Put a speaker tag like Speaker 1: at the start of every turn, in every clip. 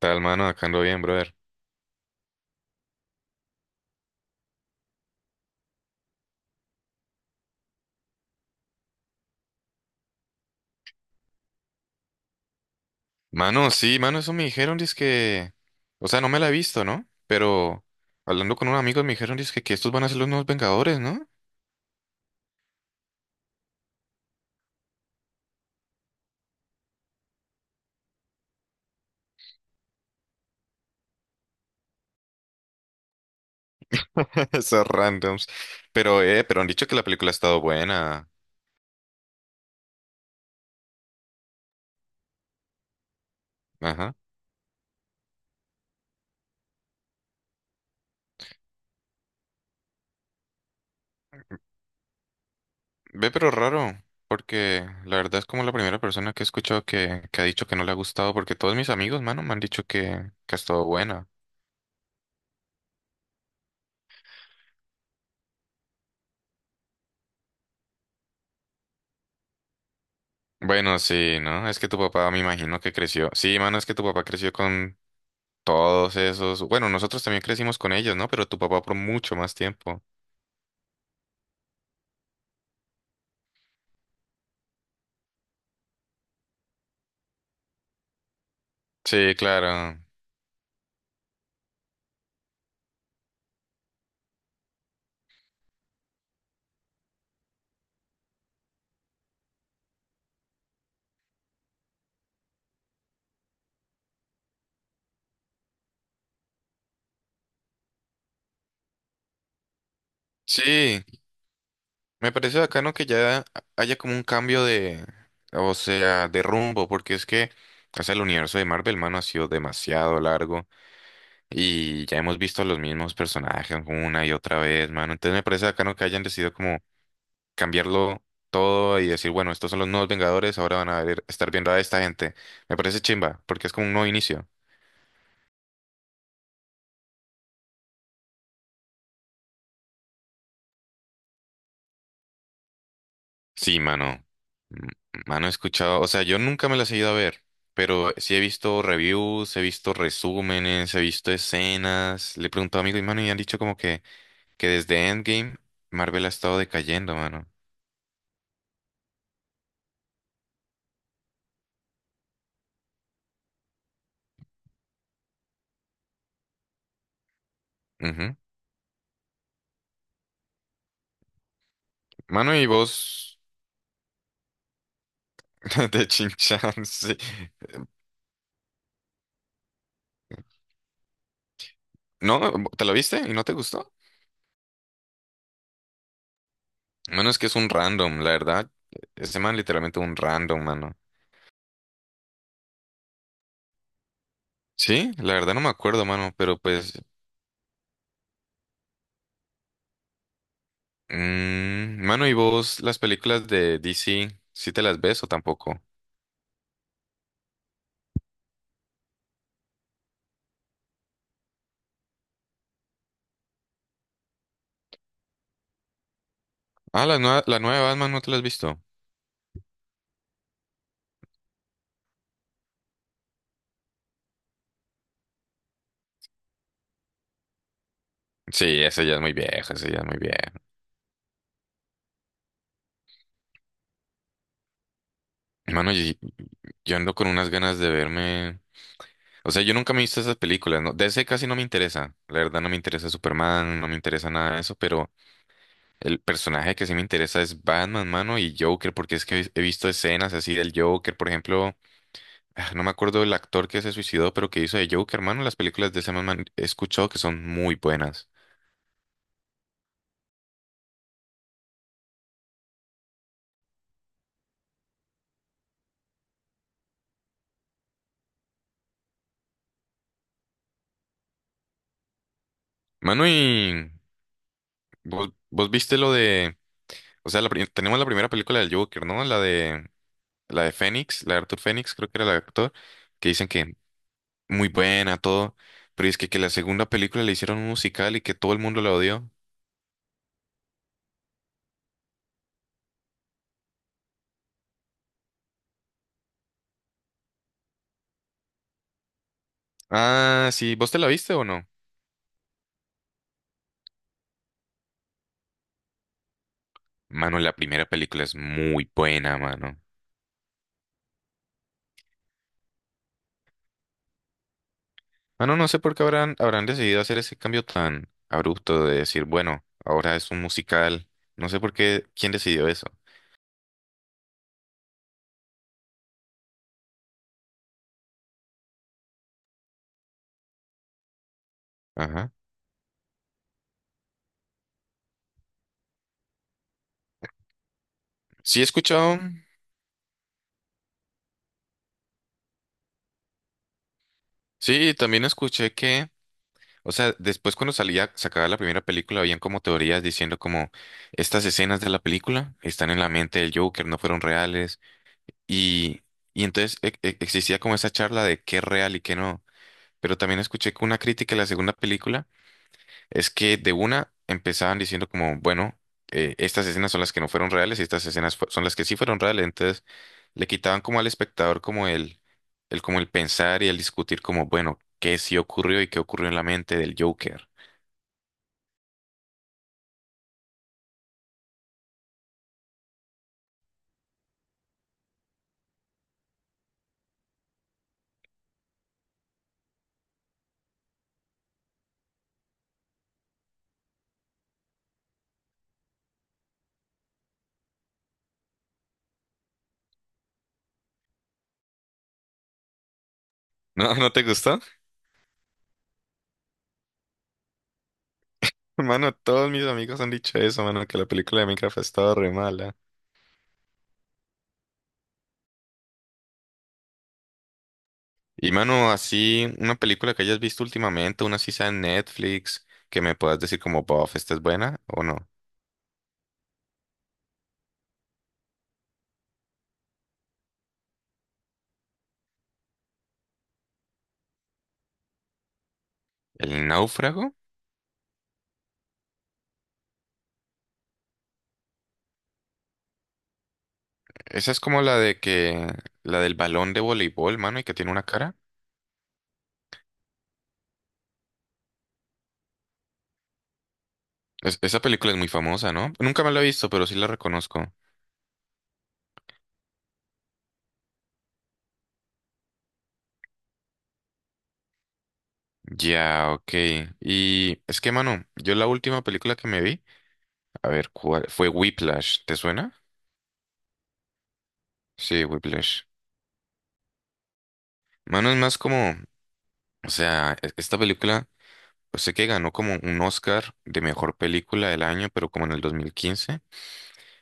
Speaker 1: Tal, mano, acá ando bien, brother. Mano, sí, mano, eso me dijeron, que... O sea, no me la he visto, ¿no? Pero hablando con unos amigos me dijeron, dizque, que estos van a ser los nuevos Vengadores, ¿no? Esos randoms. Pero han dicho que la película ha estado buena. Ajá. Ve, pero raro, porque la verdad es como la primera persona que he escuchado que ha dicho que no le ha gustado, porque todos mis amigos, mano, me han dicho que ha estado buena. Bueno, sí, ¿no? Es que tu papá me imagino que creció. Sí, mano, es que tu papá creció con todos esos, bueno, nosotros también crecimos con ellos, ¿no? Pero tu papá por mucho más tiempo. Sí, claro. Sí, me parece bacano que ya haya como un cambio de, o sea, de rumbo, porque es que, o sea, el universo de Marvel, mano, ha sido demasiado largo y ya hemos visto los mismos personajes una y otra vez, mano. Entonces me parece bacano que hayan decidido como cambiarlo todo y decir, bueno, estos son los nuevos Vengadores, ahora estar viendo a esta gente. Me parece chimba, porque es como un nuevo inicio. Sí, mano. M- Mano, he escuchado, o sea, yo nunca me las he ido a ver, pero sí he visto reviews, he visto resúmenes, he visto escenas. Le he preguntado a amigos y mano, y han dicho como que desde Endgame Marvel ha estado decayendo, mano. Ujú. Mano, y vos de Chinchan, sí. ¿No? ¿Te lo viste y no te gustó? Mano, es que es un random, la verdad. Ese man literalmente un random, mano. Sí, la verdad no me acuerdo, mano, pero pues mm, mano, ¿y vos las películas de DC, sí te las ves o tampoco? Ah, la nueva de Batman no te las has visto. Sí, esa ya es muy vieja, esa ya es muy vieja. Mano, y- yo ando con unas ganas de verme. O sea, yo nunca me he visto esas películas, ¿no? DC casi no me interesa. La verdad no me interesa Superman, no me interesa nada de eso, pero el personaje que sí me interesa es Batman, mano, y Joker, porque es que he visto escenas así del Joker, por ejemplo. Ah, no me acuerdo el actor que se suicidó, pero que hizo de Joker, mano. Las películas de ese man, he escuchado que son muy buenas. Manu, y vos viste lo de, o sea, tenemos la primera película del Joker, ¿no? La de Fénix, la de Arthur Fénix, creo que era el actor, que dicen que muy buena, todo, pero es que la segunda película le hicieron un musical y que todo el mundo la odió. Ah, sí, ¿vos te la viste o no? Manu, la primera película es muy buena, mano. Mano, no sé por qué habrán decidido hacer ese cambio tan abrupto de decir, bueno, ahora es un musical. No sé por qué, quién decidió eso. Ajá. Sí he escuchado. Sí, también escuché que, o sea, después cuando salía, sacaba la primera película, habían como teorías diciendo como estas escenas de la película están en la mente del Joker, no fueron reales. Y, y entonces existía como esa charla de qué es real y qué no. Pero también escuché que una crítica de la segunda película es que de una empezaban diciendo como, bueno, estas escenas son las que no fueron reales y estas escenas son las que sí fueron reales. Entonces le quitaban como al espectador como el como el pensar y el discutir como, bueno, qué sí ocurrió y qué ocurrió en la mente del Joker. ¿No, no te gustó? Mano, todos mis amigos han dicho eso, mano, que la película de Minecraft ha estado re mala. Y mano, así, una película que hayas visto últimamente, una así sea en Netflix, que me puedas decir como, bof, esta es buena o no. ¿El náufrago? Esa es como la de que, la del balón de voleibol, mano, y que tiene una cara. Esa película es muy famosa, ¿no? Nunca me la he visto, pero sí la reconozco. Ya, ok. Y es que, mano, yo la última película que me vi, a ver, ¿cuál? Fue Whiplash, ¿te suena? Sí, Whiplash. Mano, es más como, o sea, esta película, yo sé que ganó como un Oscar de mejor película del año, pero como en el 2015.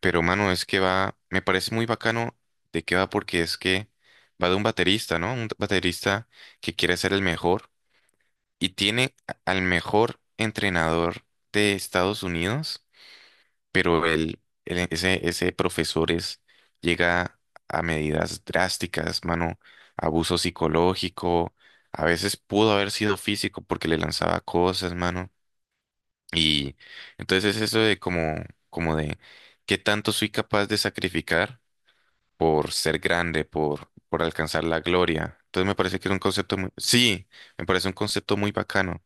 Speaker 1: Pero, mano, es que va, me parece muy bacano de qué va porque es que va de un baterista, ¿no? Un baterista que quiere ser el mejor y tiene al mejor entrenador de Estados Unidos, pero ese, ese profesor es, llega a medidas drásticas, mano, abuso psicológico, a veces pudo haber sido físico porque le lanzaba cosas, mano. Y entonces es eso de como, como de qué tanto soy capaz de sacrificar por ser grande, por alcanzar la gloria. Entonces me parece que es un concepto muy, sí, me parece un concepto muy bacano.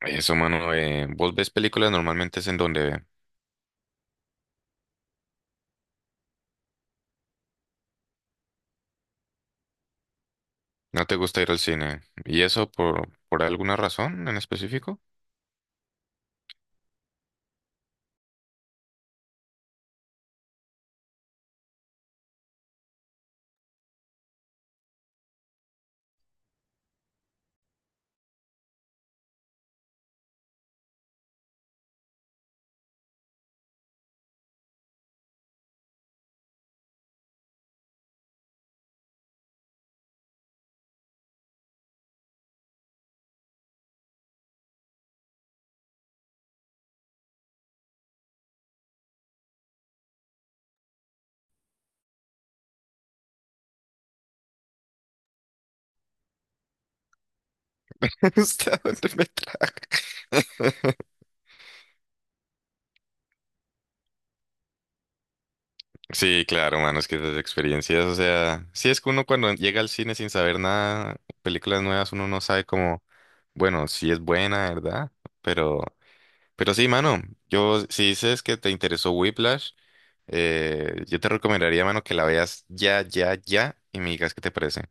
Speaker 1: Eso, mano, vos ves películas normalmente es en donde no te gusta ir al cine. ¿Y eso por alguna razón en específico? ¿Hasta dónde me trae? Sí, claro, mano, es que esas experiencias, o sea, sí es que uno cuando llega al cine sin saber nada, películas nuevas, uno no sabe cómo, bueno, si es buena, ¿verdad? Pero, pero sí, mano, yo, si dices que te interesó Whiplash, eh, yo te recomendaría, mano, que la veas ya, ya, ya y me digas qué te parece.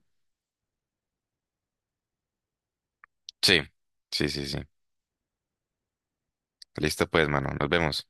Speaker 1: Sí, sí, sí, sí. Listo, pues, mano. Nos vemos.